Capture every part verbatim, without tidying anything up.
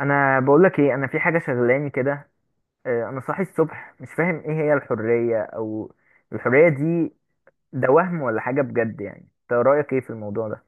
انا بقول لك ايه، انا في حاجه شغلاني كده. آه، انا صاحي الصبح مش فاهم ايه هي الحريه او الحريه دي ده وهم ولا حاجه بجد؟ يعني انت رايك ايه في الموضوع ده؟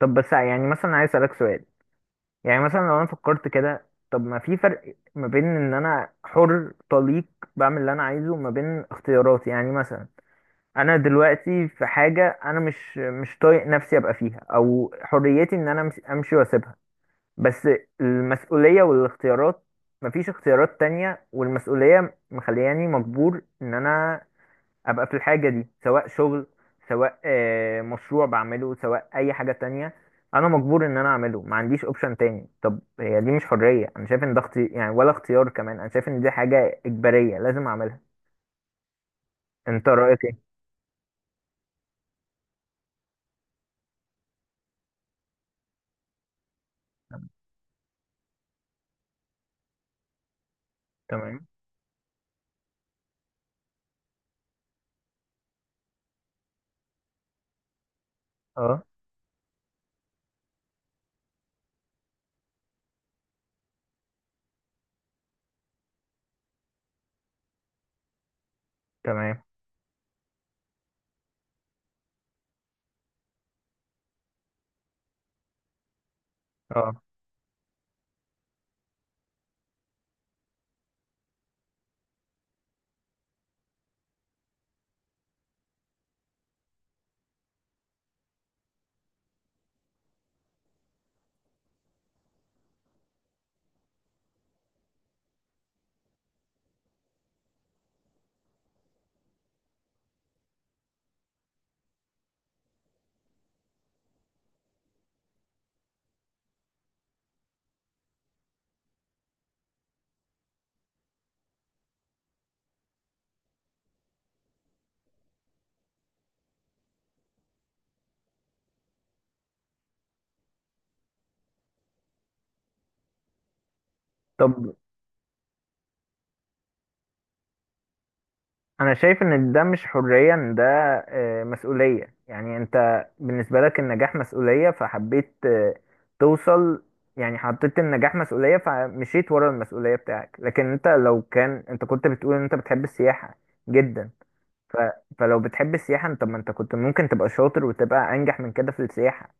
طب بس يعني مثلا عايز اسالك سؤال. يعني مثلا لو انا فكرت كده، طب ما في فرق ما بين ان انا حر طليق بعمل اللي انا عايزه، وما بين اختياراتي. يعني مثلا انا دلوقتي في حاجه انا مش مش طايق نفسي ابقى فيها، او حريتي ان انا أمس- امشي واسيبها بس. المسؤولية والاختيارات، مفيش اختيارات تانية والمسؤولية مخلياني مجبور ان انا ابقى في الحاجة دي، سواء شغل، سواء آه، مشروع بعمله، سواء اي حاجة تانية. انا مجبور ان انا اعمله، ما عنديش اوبشن تاني. طب هي دي مش حرية؟ انا شايف ان ده اختي... يعني ولا اختيار كمان، انا شايف ان دي حاجة اجبارية لازم اعملها. انت رأيك ايه؟ تمام. اه. تمام. اه. طب انا شايف ان ده مش حرية، ان ده آه، مسؤولية. يعني انت بالنسبة لك النجاح مسؤولية، فحبيت آه، توصل. يعني حطيت النجاح مسؤولية فمشيت ورا المسؤولية بتاعك. لكن انت لو كان انت كنت بتقول ان انت بتحب السياحة جدا، ف... فلو بتحب السياحة انت، ما انت كنت ممكن تبقى شاطر وتبقى انجح من كده في السياحة.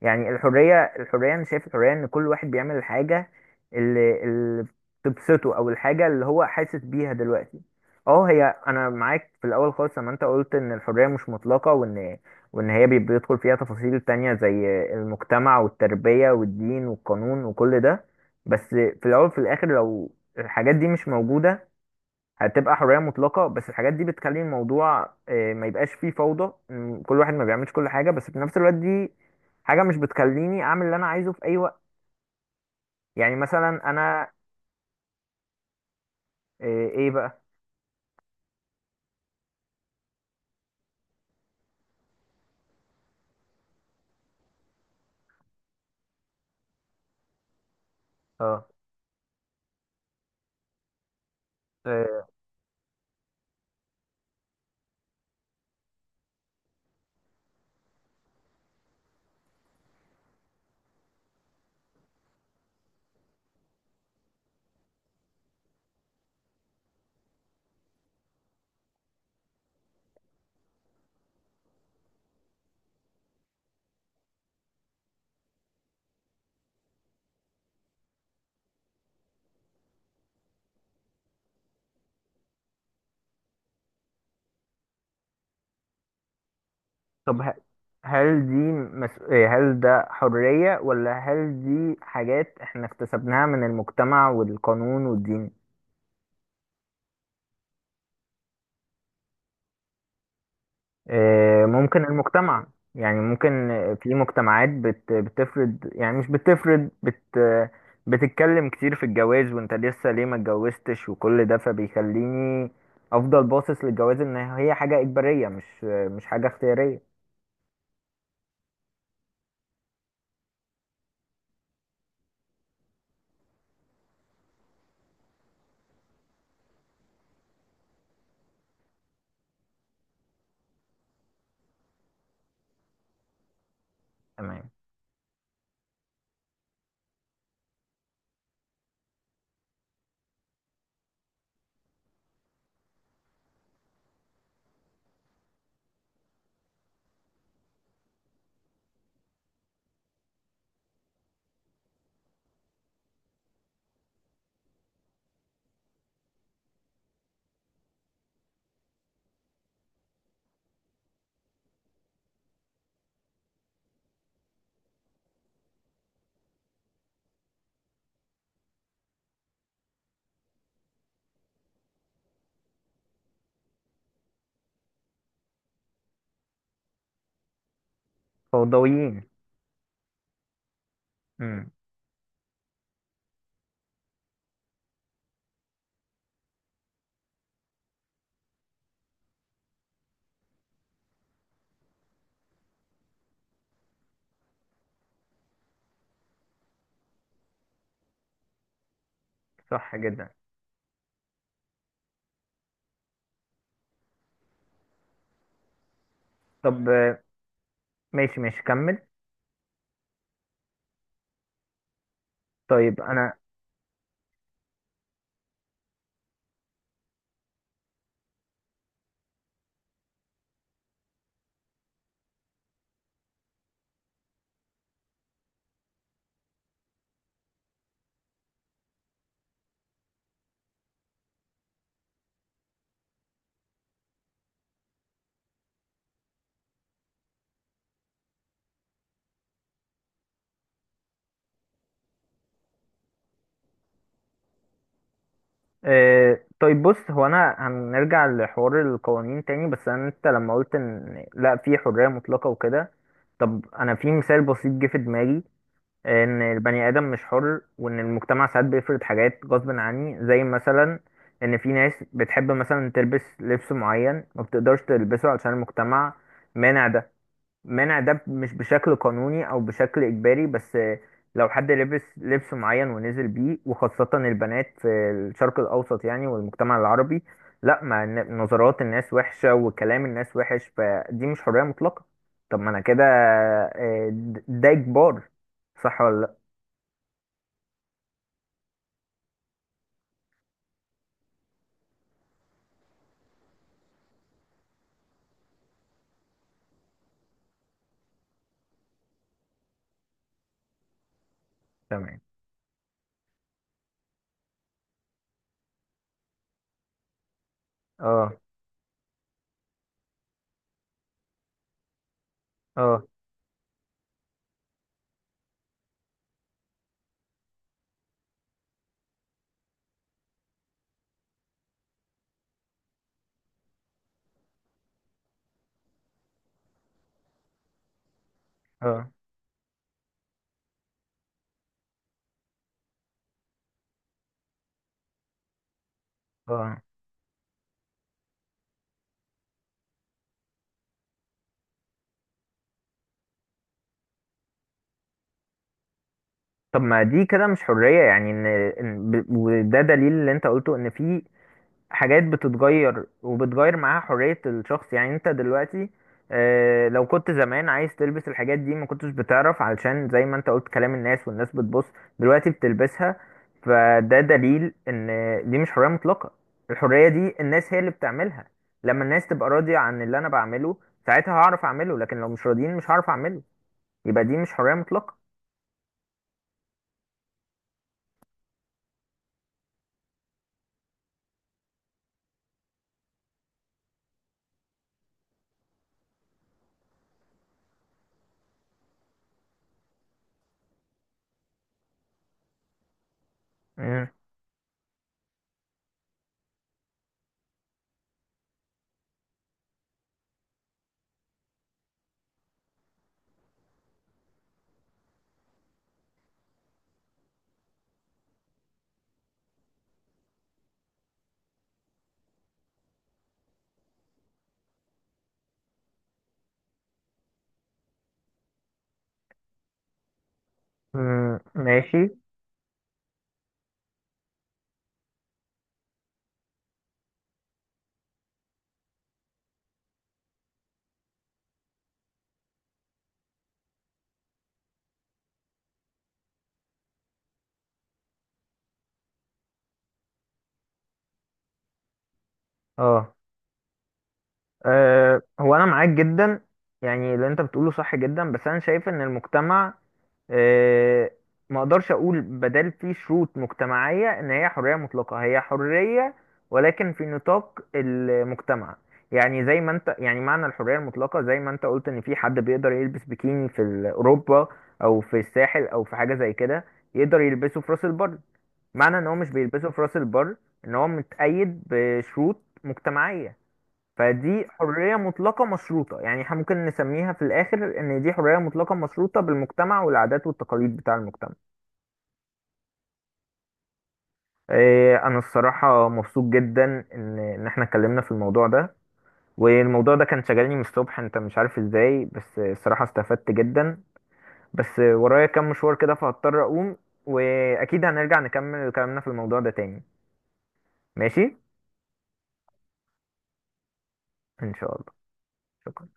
يعني الحرية الحرية أنا شايف الحرية إن كل واحد بيعمل الحاجة اللي, اللي تبسطه، أو الحاجة اللي هو حاسس بيها دلوقتي. أه، هي أنا معاك في الأول خالص لما أنت قلت إن الحرية مش مطلقة، وإن وإن هي بي- بيدخل فيها تفاصيل تانية زي المجتمع والتربية والدين والقانون وكل ده. بس في الأول وفي الآخر لو الحاجات دي مش موجودة هتبقى حرية مطلقة، بس الحاجات دي بتخلي الموضوع آه، ما يبقاش فيه فوضى، إن كل واحد ما بيعملش كل حاجة. بس في نفس الوقت دي حاجة مش بتخليني أعمل اللي أنا عايزه في أي وقت. يعني مثلا أنا آه، إيه بقى؟ اه. آه، طب ه- هل دي مس... آه، هل ده حرية، ولا هل دي حاجات إحنا اكتسبناها من المجتمع والقانون والدين؟ آه، ممكن المجتمع. يعني ممكن آه، في مجتمعات بت بتفرض، يعني مش بتفرض بت آه، بتتكلم كتير في الجواز، وانت لسه ليه ما اتجوزتش وكل ده، فبيخليني افضل باصص للجواز ان هي حاجة اجبارية، مش آه، مش حاجة اختيارية. تمام. فوضويين. امم. صح جدا. طب آه، ماشي ماشي كمل. طيب انا. إيه، طيب بص، هو انا هنرجع لحوار القوانين تاني، بس انا انت لما قلت ان لا في حرية مطلقة وكده، طب انا في مثال بسيط جه في دماغي، ان البني ادم مش حر، وان المجتمع ساعات بيفرض حاجات غصب عني. زي مثلا ان في ناس بتحب مثلا تلبس لبس معين، ما بتقدرش تلبسه علشان المجتمع مانع ده. منع ده مش بشكل قانوني او بشكل اجباري، بس لو حد لبس لبس معين ونزل بيه، وخاصة البنات في الشرق الاوسط يعني والمجتمع العربي، لا، ما ن- نظرات الناس وحشة وكلام الناس وحش، فدي مش حرية مطلقة. طب ما انا كده آه، د- ده اجبار. صح ولا لا؟ تمام. اه. اه. اه. اه. طب ما دي كده مش حرية، يعني ان إن- ب- وده دليل اللي انت قلته، ان في حاجات بتتغير وبتغير معاها حرية الشخص. يعني انت دلوقتي آه، لو كنت زمان عايز تلبس الحاجات دي ما كنتش بتعرف، علشان زي ما انت قلت، كلام الناس والناس بتبص. دلوقتي بتلبسها، فده دليل ان دي مش حرية مطلقة. الحرية دي الناس هي اللي بتعملها. لما الناس تبقى راضية عن اللي انا بعمله ساعتها هعرف اعمله، لكن لو مش راضيين مش هعرف اعمله. يبقى دي مش حرية مطلقة. مم. مم. ماشي. اه. أه، هو انا معاك جدا، يعني اللي انت بتقوله صح جدا. بس انا شايف ان المجتمع، أه، ما اقدرش اقول بدل فيه شروط مجتمعية ان هي حرية مطلقة. هي حرية، ولكن في نطاق المجتمع. يعني زي ما انت، يعني معنى الحرية المطلقة زي ما انت قلت، ان في حد بيقدر يلبس بيكيني في ال- اوروبا او في الساحل او في حاجة زي كده، يقدر يلبسه في راس البر. معنى ان هو مش بيلبسه في راس البر، ان هو متقيد بشروط مجتمعية. فدي حرية مطلقة مشروطة. يعني احنا ممكن نسميها في الآخر إن دي حرية مطلقة مشروطة بالمجتمع والعادات والتقاليد بتاع المجتمع. إيه، أنا الصراحة مبسوط جدا إن إن احنا اتكلمنا في الموضوع ده، والموضوع ده كان شغالني من الصبح، أنت مش عارف إزاي. بس الصراحة استفدت جدا، بس ورايا كام مشوار كده فهضطر أقوم، وأكيد هنرجع نكمل كلامنا في الموضوع ده تاني. ماشي؟ إن شاء الله. شكرا.